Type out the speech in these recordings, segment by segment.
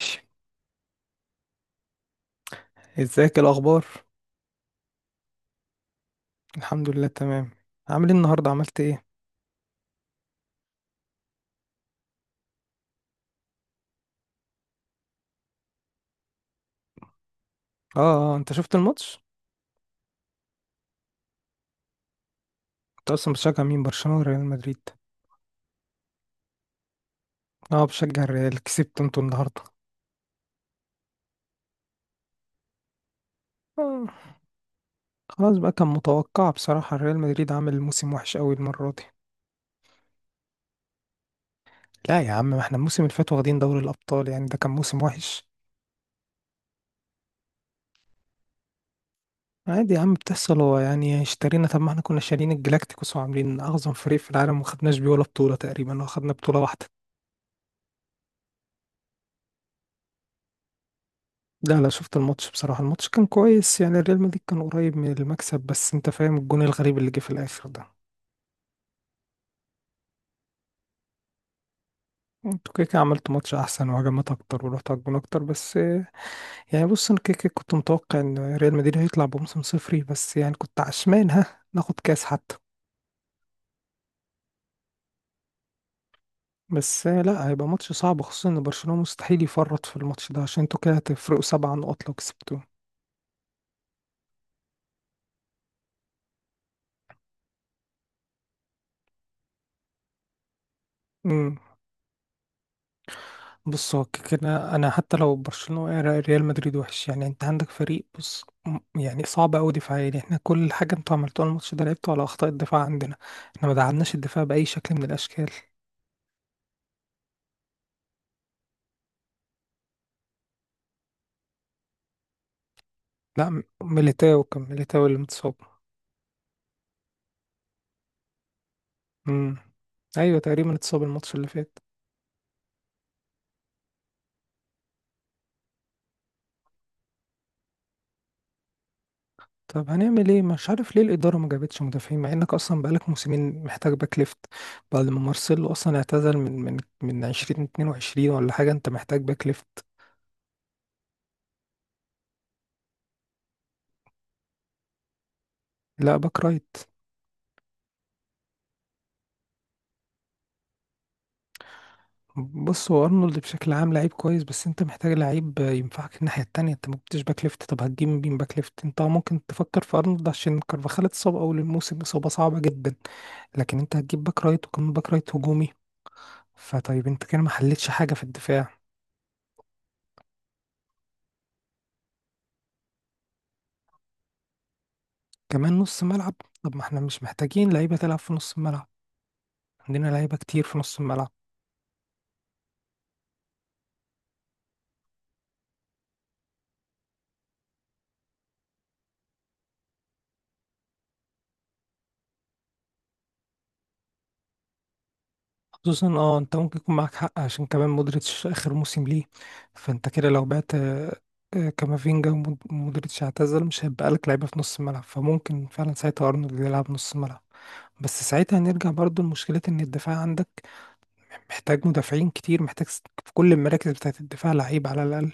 ماشي. ازيك الاخبار؟ الحمد لله تمام. عامل ايه النهارده؟ عملت ايه؟ اه، انت شفت الماتش؟ انت اصلا بتشجع مين، برشلونه ولا ريال مدريد؟ اه، بشجع الريال. كسبت انتوا النهارده؟ آه. خلاص بقى، كان متوقع بصراحه، ريال مدريد عامل موسم وحش قوي المره دي. لا يا عم، ما احنا الموسم اللي فات واخدين دوري الابطال، يعني ده كان موسم وحش؟ عادي يا عم بتحصل، هو يعني اشترينا، طب ما احنا كنا شارين الجلاكتيكوس وعاملين اعظم فريق في العالم وما خدناش بيه ولا بطوله تقريبا، ولا خدنا بطوله واحده. لا، شفت الماتش. بصراحة الماتش كان كويس، يعني الريال مدريد كان قريب من المكسب، بس انت فاهم الجون الغريب اللي جه في الاخر ده. انتوا كده كده عملتوا ماتش احسن وهجمات اكتر ورحتوا على الجون اكتر، بس يعني بص، انا كده كده كنت متوقع ان ريال مدريد هيطلع بموسم صفري، بس يعني كنت عشمان ها ناخد كاس حتى. بس لا، هيبقى ماتش صعب، خصوصا ان برشلونة مستحيل يفرط في الماتش ده، عشان انتوا كده هتفرقوا 7 نقط لو كسبتوه. امم بص، هو كده انا حتى لو برشلونه وقع، ريال مدريد وحش، يعني انت عندك فريق بص يعني صعب قوي دفاعيا، يعني احنا كل حاجه انتوا عملتوها الماتش ده لعبتوا على اخطاء الدفاع عندنا. احنا ما دعمناش الدفاع باي شكل من الاشكال. لا، ميليتاو، كان ميليتاو اللي متصاب. امم ايوه، تقريبا اتصاب الماتش اللي فات. طب هنعمل ايه؟ مش عارف ليه الاداره ما جابتش مدافعين، مع انك اصلا بقالك موسمين محتاج باك ليفت، بعد ما مارسيلو اصلا اعتزل من 2022 ولا حاجه. انت محتاج باك ليفت. لا، باك رايت. بص، هو ارنولد بشكل عام لعيب كويس، بس انت محتاج لعيب ينفعك الناحيه التانية، انت ما جبتش باك ليفت، طب هتجيب مين باك ليفت؟ انت ممكن تفكر في ارنولد عشان كارفاخال اتصاب اول الموسم اصابه صعبه جدا، لكن انت هتجيب باك رايت وكمان باك رايت هجومي، فطيب انت كده ما حلتش حاجه في الدفاع. كمان نص ملعب؟ طب ما احنا مش محتاجين لعيبه تلعب في نص الملعب، عندنا لعيبه كتير في نص الملعب. خصوصا اه، انت ممكن يكون معاك حق، عشان كمان مودريتش اخر موسم ليه، فانت كده لو بعت كامافينجا ومودريتش اعتزل، مش هيبقى لك لعيبه في نص الملعب، فممكن فعلا ساعتها ارنولد يلعب نص ملعب. بس ساعتها هنرجع برضو لمشكله ان الدفاع عندك محتاج مدافعين كتير، محتاج في كل المراكز بتاعه الدفاع لعيب على الاقل.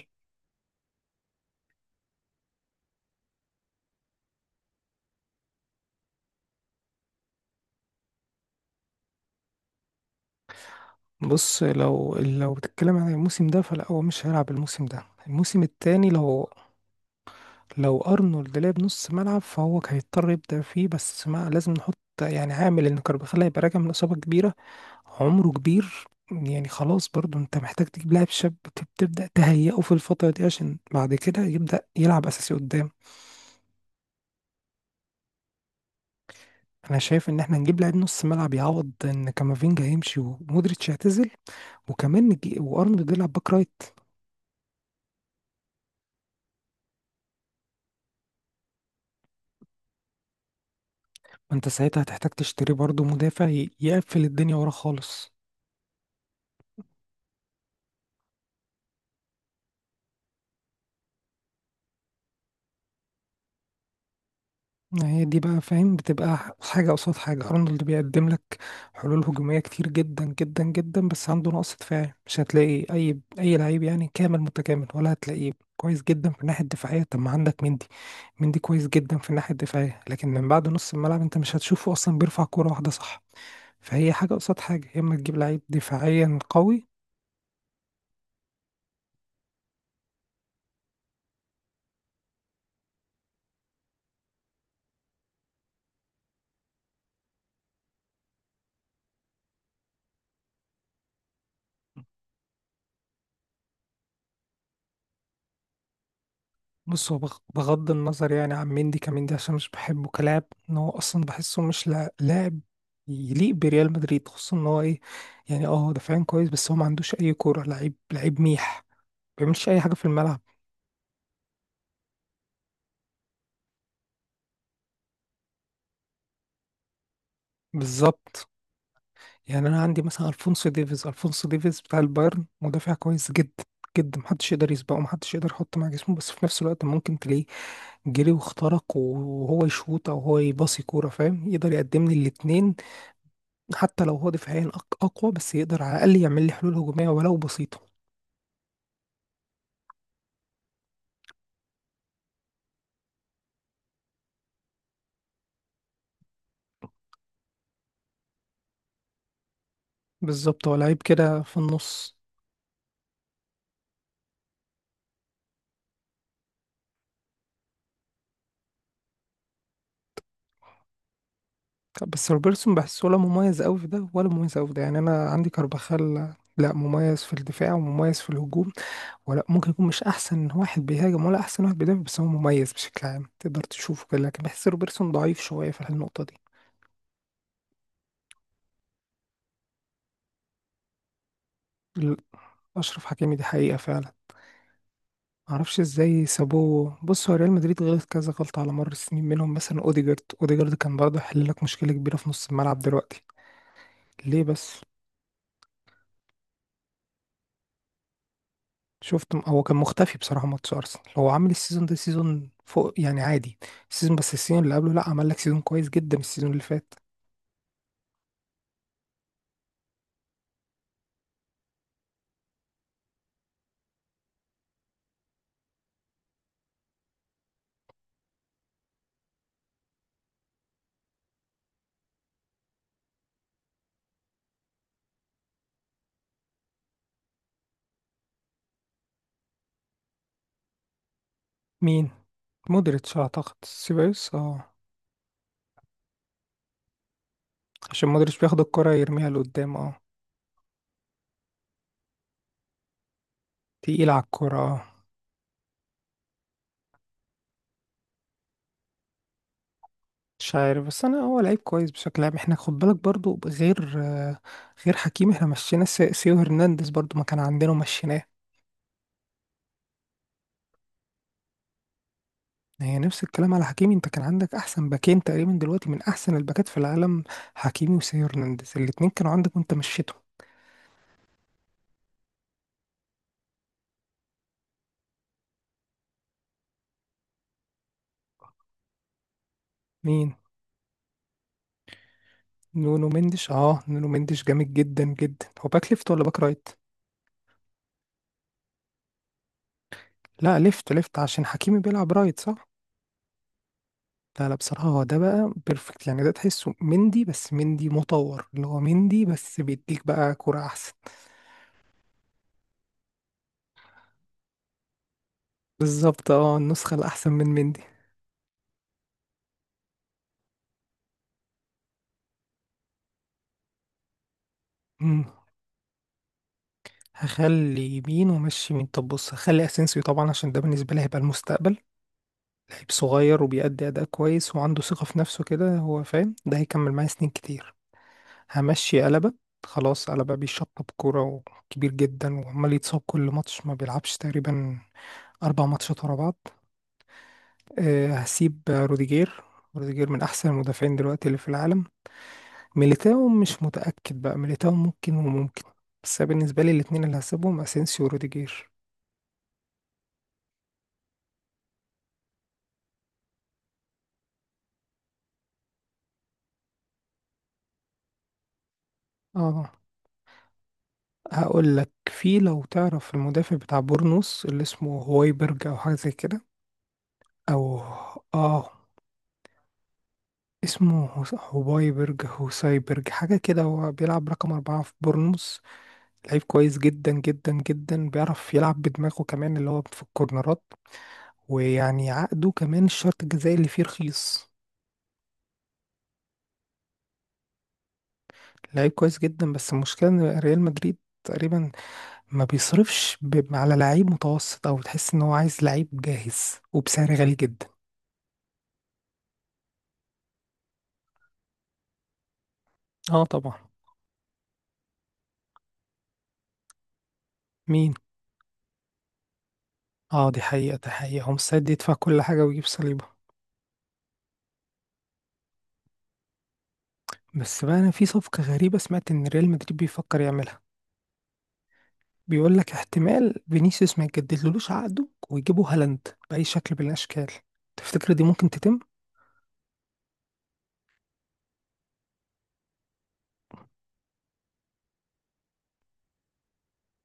بص، لو بتتكلم عن الموسم ده فلا، هو مش هيلعب الموسم ده، الموسم التاني. لو لو ارنولد لعب نص ملعب فهو كان هيضطر يبدأ فيه، بس ما لازم نحط، يعني عامل ان كارفاخال هيبقى راجع من اصابة كبيرة، عمره كبير، يعني خلاص برضو انت محتاج تجيب لاعب شاب تبدأ تهيئه في الفترة دي عشان بعد كده يبدأ يلعب اساسي قدام. انا شايف ان احنا نجيب لاعب نص ملعب يعوض ان كامافينجا هيمشي ومودريتش يعتزل، وكمان نجي وارنولد يلعب باك رايت. ما انت ساعتها هتحتاج تشتري برضو مدافع يقفل الدنيا ورا خالص. هي دي بقى، فاهم؟ بتبقى حاجة قصاد حاجة، أرنولد بيقدم لك حلول هجومية كتير جدا جدا جدا، بس عنده نقص دفاعي، مش هتلاقي أي لعيب يعني كامل متكامل، ولا هتلاقيه كويس جدا في الناحية الدفاعية. طب ما عندك مندي، مندي كويس جدا في الناحية الدفاعية لكن من بعد نص الملعب أنت مش هتشوفه، أصلا بيرفع كورة واحدة، صح؟ فهي حاجة قصاد حاجة، يا إما تجيب لعيب دفاعيا قوي. بص، هو بغض النظر يعني عن مندي كمندي، عشان مش بحبه كلاعب، ان هو اصلا بحسه مش لاعب يليق بريال مدريد، خصوصا ان هو ايه، يعني اه، دفاعيا كويس بس هو ما عندوش اي كوره، لعيب لعيب ميح، ما بيعملش اي حاجه في الملعب. بالظبط. يعني انا عندي مثلا الفونسو ديفيز، الفونسو ديفيز بتاع البايرن مدافع كويس جدا جدا، محدش يقدر يسبقه، محدش يقدر يحط مع جسمه، بس في نفس الوقت ممكن تلاقيه جري واخترق، وهو يشوط او هو يباصي كوره، فاهم؟ يقدر يقدم لي الاتنين، حتى لو هو دفاعيا أقوى، بس يقدر على الأقل يعمل لي حلول هجومية ولو بسيطة. بالظبط، هو لعيب كده في النص. بس روبرتسون بحسه، ولا مميز أوي في ده ولا مميز أوي في ده، يعني أنا عندي كارباخال لا مميز في الدفاع ومميز في الهجوم، ولا ممكن يكون مش أحسن واحد بيهاجم ولا أحسن واحد بيدافع، بس هو مميز بشكل عام تقدر تشوفه كده، لكن بحس روبرتسون ضعيف شوية في النقطة دي. ال- أشرف حكيمي دي حقيقة فعلا، معرفش ازاي سابوه. بص، هو ريال مدريد غلط كذا غلطة على مر السنين، منهم مثلا اوديجارد، اوديجارد كان برضه يحل لك مشكلة كبيرة في نص الملعب دلوقتي. ليه بس؟ شفت هو كان مختفي بصراحة ماتش ارسنال، هو عامل السيزون ده سيزون فوق يعني عادي السيزون، بس السيزون اللي قبله لا، عمل لك سيزون كويس جدا السيزون اللي فات. مين؟ مودريتش اعتقد، سيبايوس اه. عشان مودريتش بياخد الكرة يرميها لقدام، اه. تقيل على الكرة اه. مش عارف، بس انا هو لعيب كويس بشكل عام. احنا خد بالك برضو غير غير حكيمي، احنا مشينا سيو هرنانديز برضو، ما كان عندنا ومشيناه. هي نفس الكلام على حكيمي، انت كان عندك احسن باكين تقريبا دلوقتي من احسن الباكات في العالم، حكيمي وسيو هرنانديز، الاتنين كانوا عندك وانت مشيتهم. مين؟ نونو مندش؟ اه نونو مندش جامد جدا جدا. هو باك ليفت ولا باك رايت؟ لا ليفت، ليفت عشان حكيمي بيلعب رايت، صح. لا بصراحة هو ده بقى بيرفكت، يعني ده تحسه مندي بس مندي مطور، اللي هو مندي بس بيديك بقى كرة أحسن. بالظبط اه، النسخة الأحسن من مندي. مم. هخلي يمين ومشي يمين. طب بص، هخلي أسينسيو طبعا، عشان ده بالنسبة لي هيبقى المستقبل، لعيب صغير وبيأدي أداء كويس وعنده ثقة في نفسه كده، هو فاهم، ده هيكمل معايا سنين كتير. همشي قلبة، خلاص قلبة بيشطب كورة وكبير جدا وعمال يتصاب كل ماتش، ما بيلعبش تقريبا 4 ماتشات ورا بعض. أه هسيب روديجير، روديجير من أحسن المدافعين دلوقتي اللي في العالم. ميليتاو مش متأكد بقى، ميليتاو ممكن وممكن. بس أنا بالنسبة لي الاتنين اللي هسيبهم اسينسيو وروديجير. اه هقول لك، في لو تعرف المدافع بتاع بورنوس اللي اسمه هوايبرج او حاجة زي كده، او اه، اسمه هوايبرج، هوسايبرج حاجة كده، هو بيلعب رقم 4 في بورنوس، لعيب كويس جدا جدا جدا، بيعرف يلعب بدماغه كمان اللي هو في الكورنرات، ويعني عقده كمان الشرط الجزائي اللي فيه رخيص. لعيب كويس جدا بس المشكلة ان ريال مدريد تقريبا ما بيصرفش على لعيب متوسط، او تحس ان هو عايز لعيب جاهز وبسعر غالي جدا. اه طبعا. مين؟ اه دي حقيقة دي حقيقة، هو مستعد يدفع كل حاجة ويجيب صليبة. بس بقى انا في صفقة غريبة سمعت ان ريال مدريد بيفكر يعملها، بيقول لك احتمال فينيسيوس ما يجددلوش عقده ويجيبوا هالاند بأي شكل من الاشكال. تفتكر دي ممكن تتم؟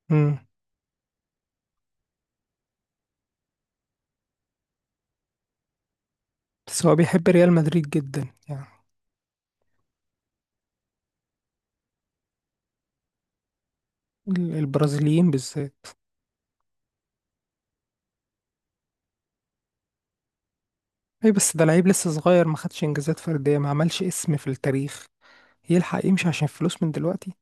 امم. بس هو بيحب ريال مدريد جدا يعني. البرازيليين بالذات. اي بس ده لعيب لسه صغير، ما خدش انجازات فرديه، ما عملش اسم في التاريخ، يلحق يمشي عشان فلوس من دلوقتي؟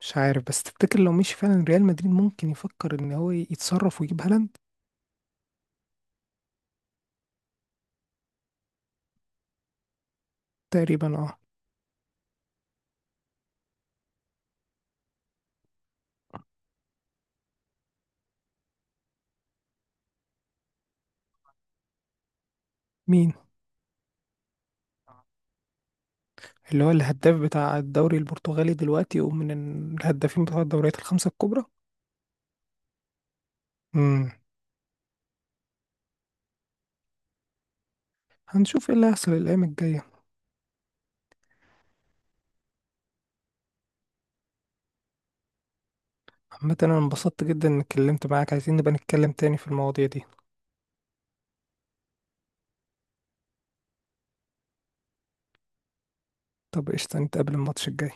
مش عارف، بس تفتكر لو مشي فعلا ريال مدريد ممكن يفكر ان هو يتصرف ويجيب هالاند؟ تقريبا اه. مين؟ اللي هو الهداف بتاع الدوري البرتغالي دلوقتي ومن الهدافين بتوع الدوريات الـ5 الكبرى. امم. هنشوف ايه اللي هيحصل الايام الجايه. عامه انا انبسطت جدا اني اتكلمت معاك، عايزين نبقى نتكلم تاني في المواضيع دي. طب قشطه، نتقابل الماتش الجاي.